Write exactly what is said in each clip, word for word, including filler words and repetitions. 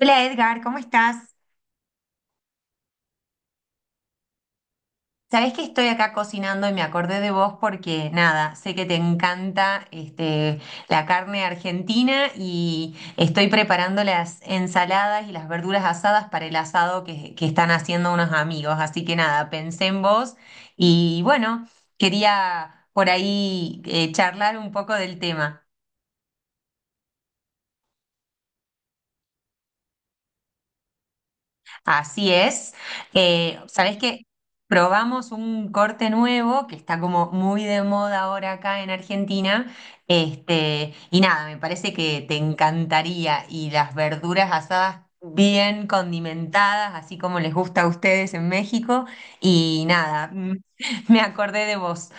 Hola Edgar, ¿cómo estás? Sabés que estoy acá cocinando y me acordé de vos porque nada, sé que te encanta este, la carne argentina y estoy preparando las ensaladas y las verduras asadas para el asado que, que están haciendo unos amigos. Así que nada, pensé en vos y bueno, quería por ahí eh, charlar un poco del tema. Así es. Eh, ¿sabés qué? Probamos un corte nuevo que está como muy de moda ahora acá en Argentina. Este, y nada, me parece que te encantaría. Y las verduras asadas bien condimentadas, así como les gusta a ustedes en México. Y nada, mm, me acordé de vos.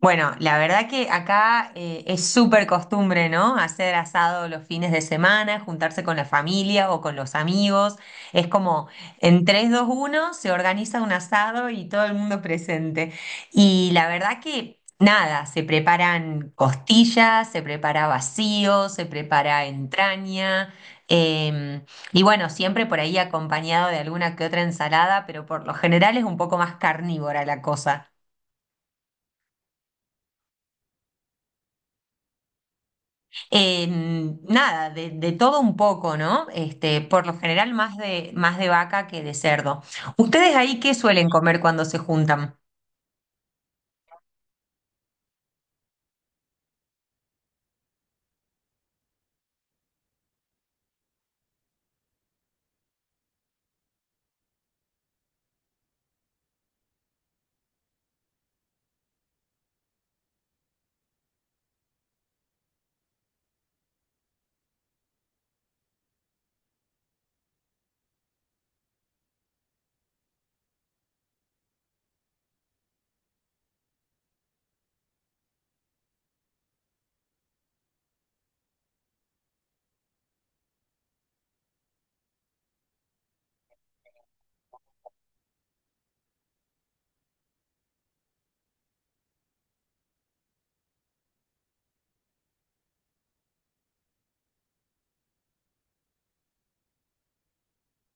Bueno, la verdad que acá eh, es súper costumbre, ¿no? Hacer asado los fines de semana, juntarse con la familia o con los amigos. Es como en tres, dos, uno se organiza un asado y todo el mundo presente. Y la verdad que nada, se preparan costillas, se prepara vacío, se prepara entraña. em, y bueno, siempre por ahí acompañado de alguna que otra ensalada, pero por lo general es un poco más carnívora la cosa. Eh, Nada, de, de todo un poco, ¿no? Este, por lo general más de, más de vaca que de cerdo. ¿Ustedes ahí qué suelen comer cuando se juntan?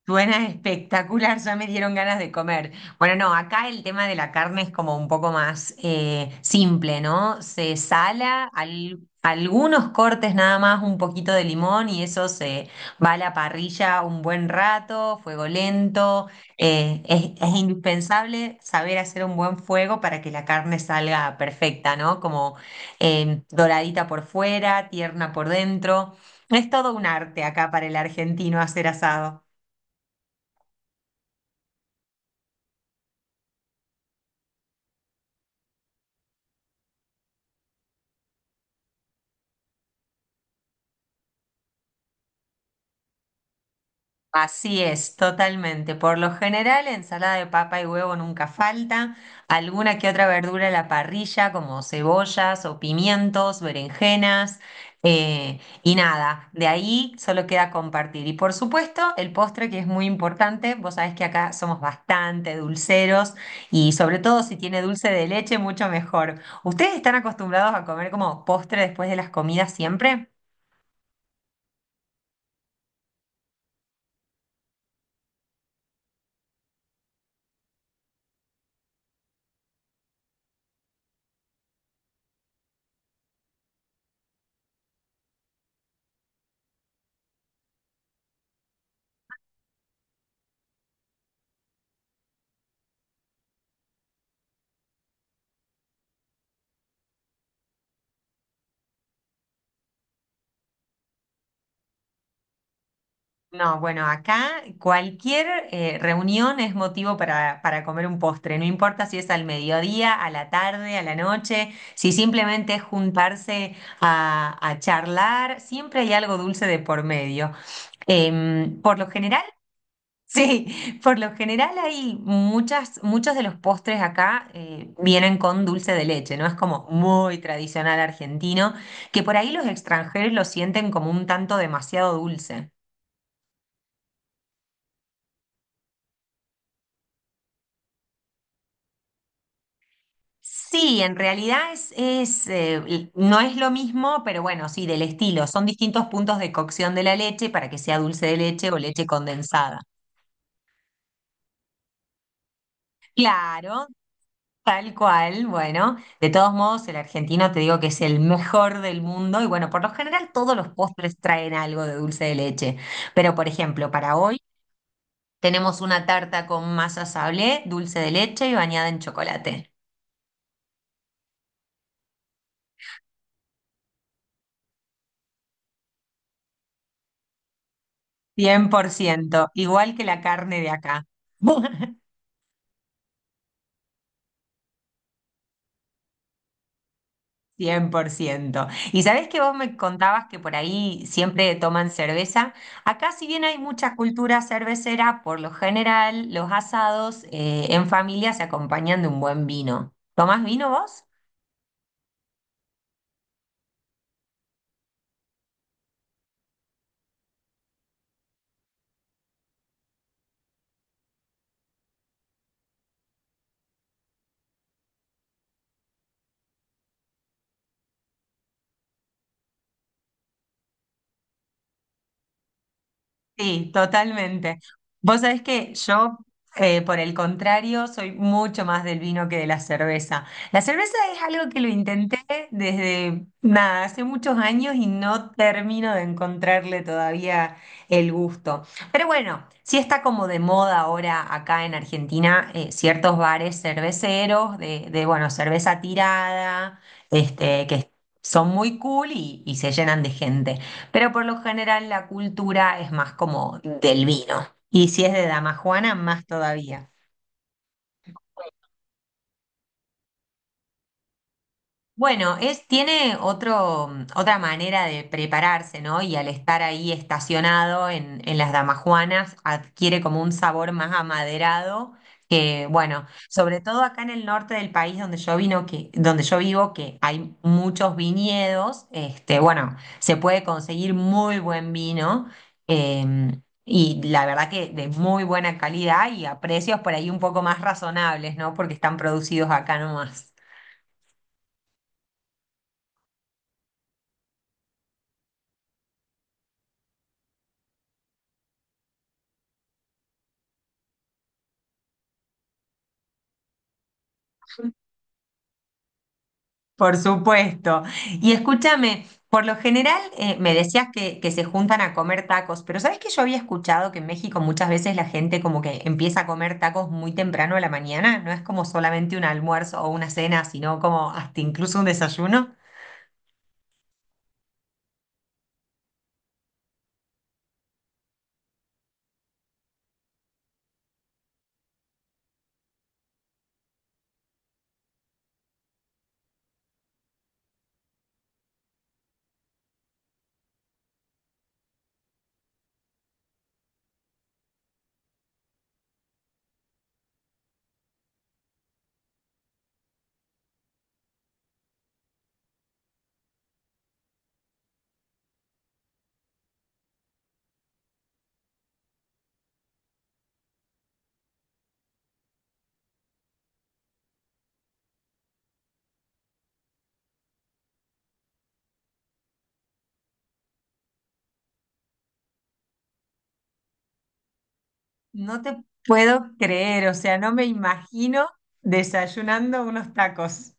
Suena espectacular, ya me dieron ganas de comer. Bueno, no, acá el tema de la carne es como un poco más eh, simple, ¿no? Se sala al- algunos cortes nada más, un poquito de limón y eso se va a la parrilla un buen rato, fuego lento. Eh, es, es indispensable saber hacer un buen fuego para que la carne salga perfecta, ¿no? Como eh, doradita por fuera, tierna por dentro. Es todo un arte acá para el argentino hacer asado. Así es, totalmente. Por lo general, ensalada de papa y huevo nunca falta, alguna que otra verdura a la parrilla, como cebollas o pimientos, berenjenas, eh, y nada, de ahí solo queda compartir. Y por supuesto, el postre que es muy importante, vos sabés que acá somos bastante dulceros y sobre todo si tiene dulce de leche, mucho mejor. ¿Ustedes están acostumbrados a comer como postre después de las comidas siempre? No, bueno, acá cualquier eh, reunión es motivo para, para comer un postre, no importa si es al mediodía, a la tarde, a la noche, si simplemente es juntarse a, a charlar, siempre hay algo dulce de por medio. Em, por lo general, sí, por lo general hay muchas, muchos de los postres acá eh, vienen con dulce de leche, ¿no? Es como muy tradicional argentino, que por ahí los extranjeros lo sienten como un tanto demasiado dulce. Sí, en realidad es, es, eh, l- no es lo mismo, pero bueno, sí, del estilo. Son distintos puntos de cocción de la leche para que sea dulce de leche o leche condensada. Claro, tal cual. Bueno, de todos modos, el argentino te digo que es el mejor del mundo y bueno, por lo general todos los postres traen algo de dulce de leche. Pero por ejemplo, para hoy tenemos una tarta con masa sablé, dulce de leche y bañada en chocolate. Cien por ciento, igual que la carne de acá. Cien por ciento. Y sabés que vos me contabas que por ahí siempre toman cerveza. Acá, si bien hay mucha cultura cervecera, por lo general los asados eh, en familia se acompañan de un buen vino. ¿Tomás vino vos? Sí, totalmente. Vos sabés que yo, eh, por el contrario, soy mucho más del vino que de la cerveza. La cerveza es algo que lo intenté desde, nada, hace muchos años y no termino de encontrarle todavía el gusto. Pero bueno, sí está como de moda ahora acá en Argentina, eh, ciertos bares cerveceros de, de, bueno, cerveza tirada, este, que son muy cool y y se llenan de gente. Pero por lo general la cultura es más como del vino. Y si es de Dama Juana, más todavía. Bueno, es, tiene otro, mm, otra manera de prepararse, ¿no? Y al estar ahí estacionado en, en las damajuanas, adquiere como un sabor más amaderado, que bueno, sobre todo acá en el norte del país donde yo vino, que, donde yo vivo, que hay muchos viñedos, este, bueno, se puede conseguir muy buen vino, eh, y la verdad que de muy buena calidad y a precios por ahí un poco más razonables, ¿no? Porque están producidos acá nomás. Por supuesto. Y escúchame, por lo general eh, me decías que, que se juntan a comer tacos, pero ¿sabes que yo había escuchado que en México muchas veces la gente como que empieza a comer tacos muy temprano a la mañana? No es como solamente un almuerzo o una cena, sino como hasta incluso un desayuno. No te puedo creer, o sea, no me imagino desayunando unos tacos.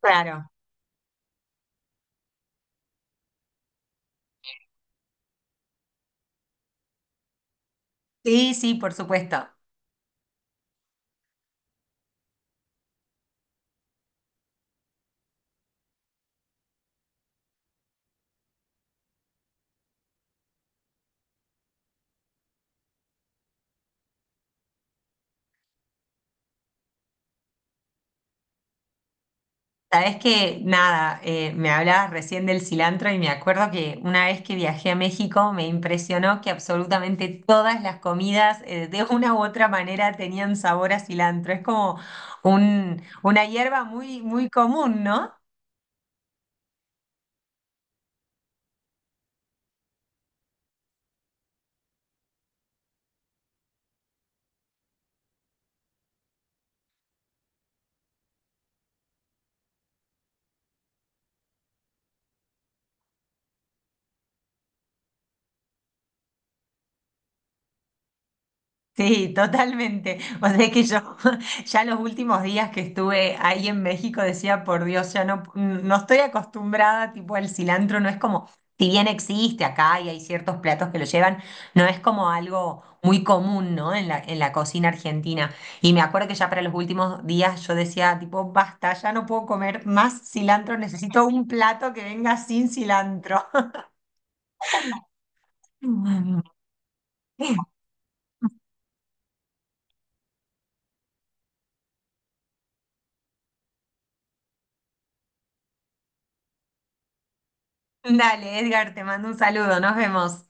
Claro. Sí, sí, por supuesto. Sabes que nada, eh, me hablabas recién del cilantro y me acuerdo que una vez que viajé a México me impresionó que absolutamente todas las comidas eh, de una u otra manera tenían sabor a cilantro. Es como un, una hierba muy, muy común, ¿no? Sí, totalmente. O sea que yo ya los últimos días que estuve ahí en México decía, por Dios, ya no, mm, no estoy acostumbrada, tipo el cilantro no es como, si bien existe acá y hay ciertos platos que lo llevan, no es como algo muy común, ¿no? En la, en la cocina argentina. Y me acuerdo que ya para los últimos días yo decía, tipo, basta, ya no puedo comer más cilantro, necesito un plato que venga sin cilantro. Dale, Edgar, te mando un saludo, nos vemos.